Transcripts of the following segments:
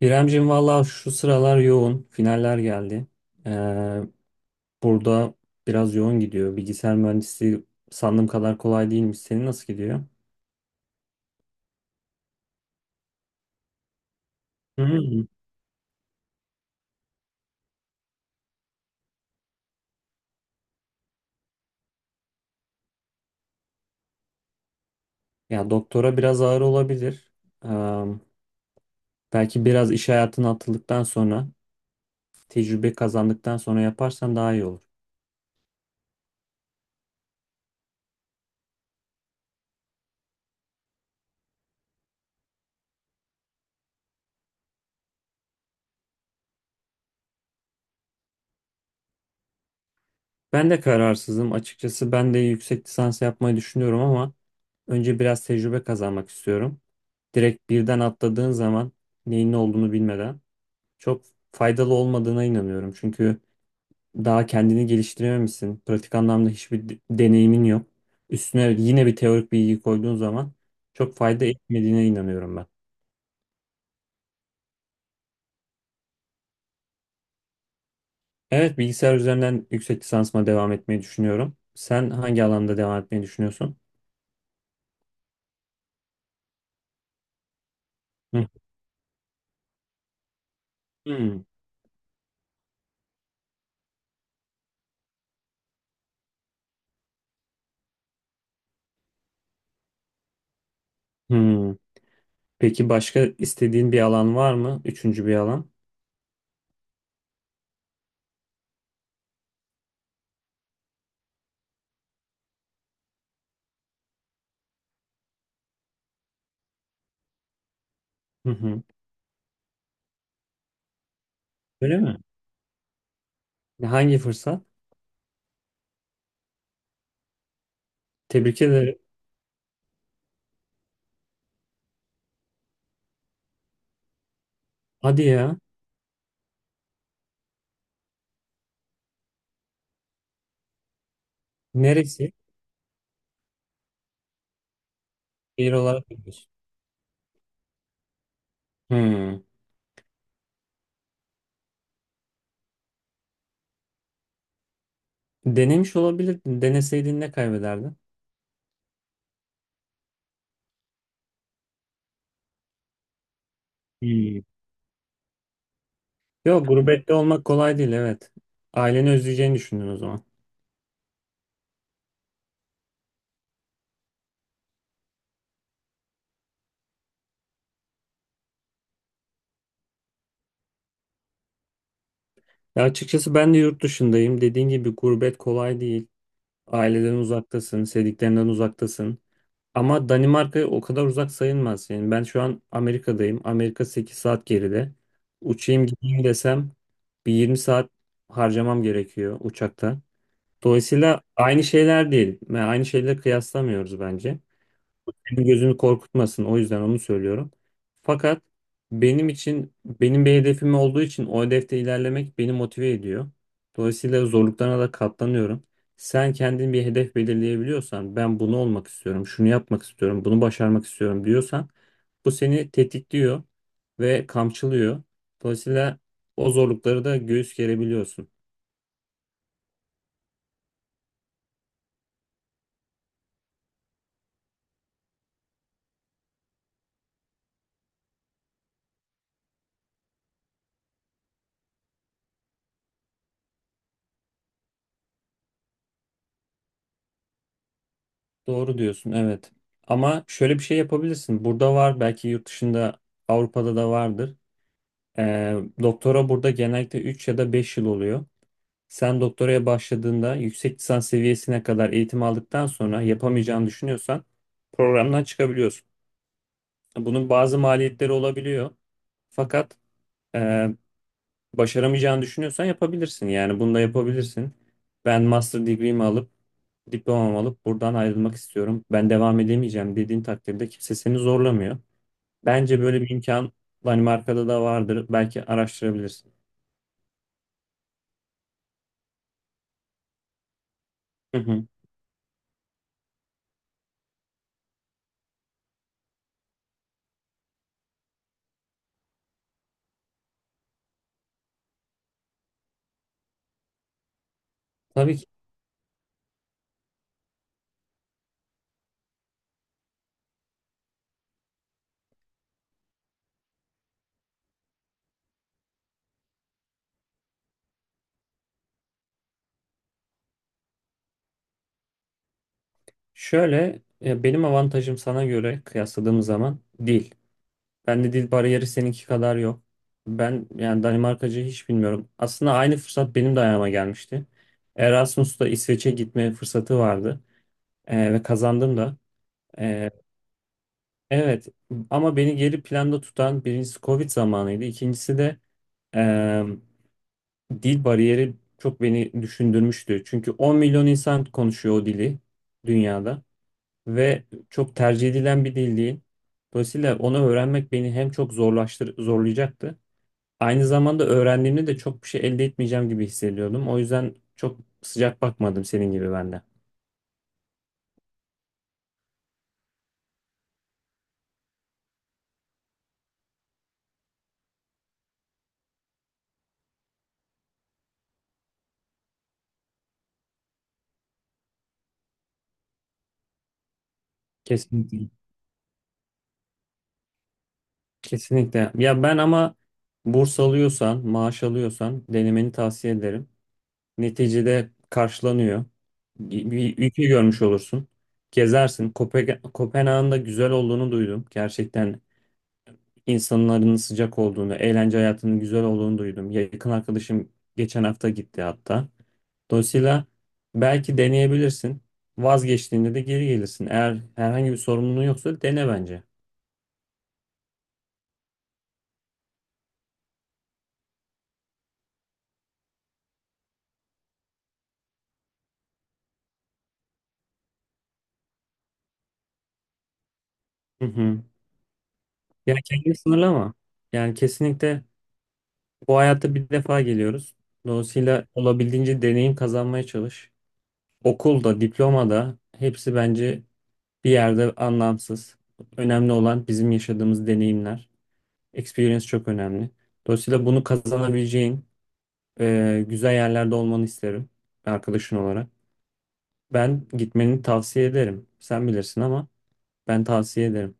İremcim valla şu sıralar yoğun. Finaller geldi. Ee, burada biraz yoğun gidiyor. Bilgisayar mühendisliği sandığım kadar kolay değilmiş. Senin nasıl gidiyor? Hmm. Ya doktora biraz ağır olabilir. Ee, belki biraz iş hayatına atıldıktan sonra, tecrübe kazandıktan sonra yaparsan daha iyi olur. Ben de kararsızım. Açıkçası ben de yüksek lisans yapmayı düşünüyorum ama önce biraz tecrübe kazanmak istiyorum. Direkt birden atladığın zaman neyin ne olduğunu bilmeden çok faydalı olmadığına inanıyorum. Çünkü daha kendini geliştirememişsin. Pratik anlamda hiçbir deneyimin yok. Üstüne yine bir teorik bilgi koyduğun zaman çok fayda etmediğine inanıyorum ben. Evet, bilgisayar üzerinden yüksek lisansıma devam etmeyi düşünüyorum. Sen hangi alanda devam etmeyi düşünüyorsun? Hı. Hmm. Hmm. Peki başka istediğin bir alan var mı? Üçüncü bir alan. Hı hı. Öyle mi? Hangi fırsat? Tebrik ederim. Hadi ya. Neresi? Şehir olarak biliyorsun. Hmm. Denemiş olabilirdin. Deneseydin ne kaybederdin? Hmm. Yok, gurbette olmak kolay değil, evet. Aileni özleyeceğini düşündün o zaman. Ya açıkçası ben de yurt dışındayım. Dediğin gibi gurbet kolay değil. Aileden uzaktasın, sevdiklerinden uzaktasın. Ama Danimarka o kadar uzak sayılmaz. Yani ben şu an Amerika'dayım. Amerika 8 saat geride. Uçayım gideyim desem bir 20 saat harcamam gerekiyor uçakta. Dolayısıyla aynı şeyler değil. Yani aynı şeyleri kıyaslamıyoruz bence. Beni gözünü korkutmasın, o yüzden onu söylüyorum. Fakat benim için benim bir hedefim olduğu için o hedefte ilerlemek beni motive ediyor. Dolayısıyla zorluklarına da katlanıyorum. Sen kendin bir hedef belirleyebiliyorsan, ben bunu olmak istiyorum, şunu yapmak istiyorum, bunu başarmak istiyorum diyorsan bu seni tetikliyor ve kamçılıyor. Dolayısıyla o zorlukları da göğüs gerebiliyorsun. Doğru diyorsun, evet. Ama şöyle bir şey yapabilirsin. Burada var, belki yurt dışında Avrupa'da da vardır. Ee, doktora burada genellikle 3 ya da 5 yıl oluyor. Sen doktoraya başladığında yüksek lisans seviyesine kadar eğitim aldıktan sonra yapamayacağını düşünüyorsan programdan çıkabiliyorsun. Bunun bazı maliyetleri olabiliyor. Fakat e, başaramayacağını düşünüyorsan yapabilirsin. Yani bunu da yapabilirsin. Ben master degree'mi alıp diplomamı alıp buradan ayrılmak istiyorum. Ben devam edemeyeceğim dediğin takdirde kimse seni zorlamıyor. Bence böyle bir imkan Danimarka'da da vardır. Belki araştırabilirsin. Hı hı. Tabii ki. Şöyle benim avantajım sana göre kıyasladığım zaman dil. Bende dil bariyeri seninki kadar yok. Ben yani Danimarkacı hiç bilmiyorum. Aslında aynı fırsat benim de ayağıma gelmişti. Erasmus'ta İsveç'e gitme fırsatı vardı, ve kazandım da. E, evet, ama beni geri planda tutan birincisi Covid zamanıydı. İkincisi de e, dil bariyeri çok beni düşündürmüştü. Çünkü 10 milyon insan konuşuyor o dili dünyada. Ve çok tercih edilen bir dil değil. Dolayısıyla onu öğrenmek beni hem çok zorlayacaktı. Aynı zamanda öğrendiğimde de çok bir şey elde etmeyeceğim gibi hissediyordum. O yüzden çok sıcak bakmadım senin gibi ben de. Kesinlikle. Kesinlikle. Ya ben ama burs alıyorsan, maaş alıyorsan denemeni tavsiye ederim. Neticede karşılanıyor. Bir bir ülke görmüş olursun. Gezersin. Kopenhag'ın da güzel olduğunu duydum. Gerçekten insanların sıcak olduğunu, eğlence hayatının güzel olduğunu duydum. Yakın arkadaşım geçen hafta gitti hatta. Dolayısıyla belki deneyebilirsin. Vazgeçtiğinde de geri gelirsin. Eğer herhangi bir sorumluluğun yoksa dene bence. Hı hı. Ya kendini sınırlama. Yani kesinlikle bu hayatta bir defa geliyoruz. Dolayısıyla olabildiğince deneyim kazanmaya çalış. Okulda, diplomada hepsi bence bir yerde anlamsız. Önemli olan bizim yaşadığımız deneyimler. Experience çok önemli. Dolayısıyla bunu kazanabileceğin güzel yerlerde olmanı isterim arkadaşın olarak. Ben gitmeni tavsiye ederim. Sen bilirsin ama ben tavsiye ederim.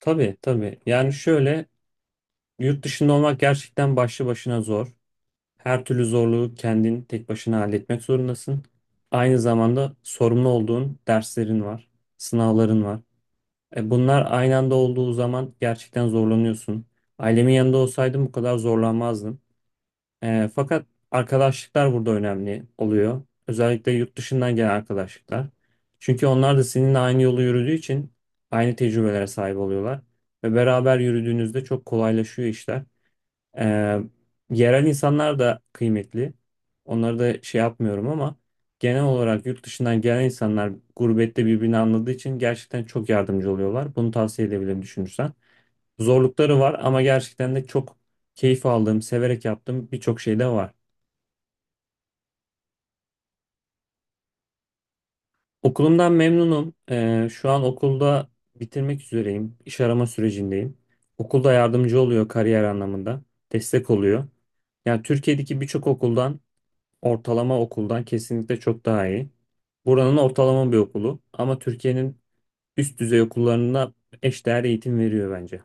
Tabii tabii. Yani şöyle, yurt dışında olmak gerçekten başlı başına zor. Her türlü zorluğu kendin tek başına halletmek zorundasın. Aynı zamanda sorumlu olduğun derslerin var, sınavların var. Bunlar aynı anda olduğu zaman gerçekten zorlanıyorsun. Ailemin yanında olsaydım bu kadar zorlanmazdım. Fakat arkadaşlıklar burada önemli oluyor. Özellikle yurt dışından gelen arkadaşlıklar. Çünkü onlar da seninle aynı yolu yürüdüğü için aynı tecrübelere sahip oluyorlar. Ve beraber yürüdüğünüzde çok kolaylaşıyor işler. Ee, yerel insanlar da kıymetli. Onları da şey yapmıyorum ama genel olarak yurt dışından gelen insanlar gurbette birbirini anladığı için gerçekten çok yardımcı oluyorlar. Bunu tavsiye edebilirim düşünürsen. Zorlukları var ama gerçekten de çok keyif aldığım, severek yaptığım birçok şey de var. Okulumdan memnunum. Şu an okulda bitirmek üzereyim. İş arama sürecindeyim. Okulda yardımcı oluyor kariyer anlamında. Destek oluyor. Yani Türkiye'deki birçok okuldan, ortalama okuldan kesinlikle çok daha iyi. Buranın ortalama bir okulu ama Türkiye'nin üst düzey okullarına eşdeğer eğitim veriyor bence.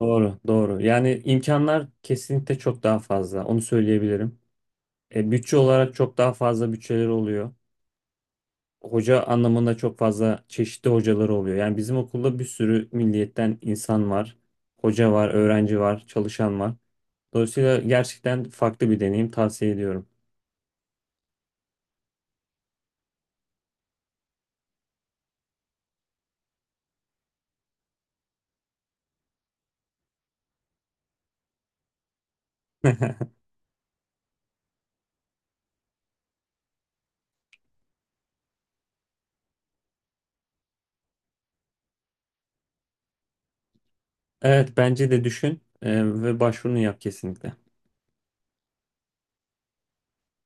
Doğru, doğru. Yani imkanlar kesinlikle çok daha fazla. Onu söyleyebilirim. Bütçe olarak çok daha fazla bütçeleri oluyor. Hoca anlamında çok fazla çeşitli hocaları oluyor. Yani bizim okulda bir sürü milliyetten insan var. Hoca var, öğrenci var, çalışan var. Dolayısıyla gerçekten farklı bir deneyim tavsiye ediyorum. Evet bence de düşün ve başvurunu yap kesinlikle.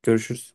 Görüşürüz.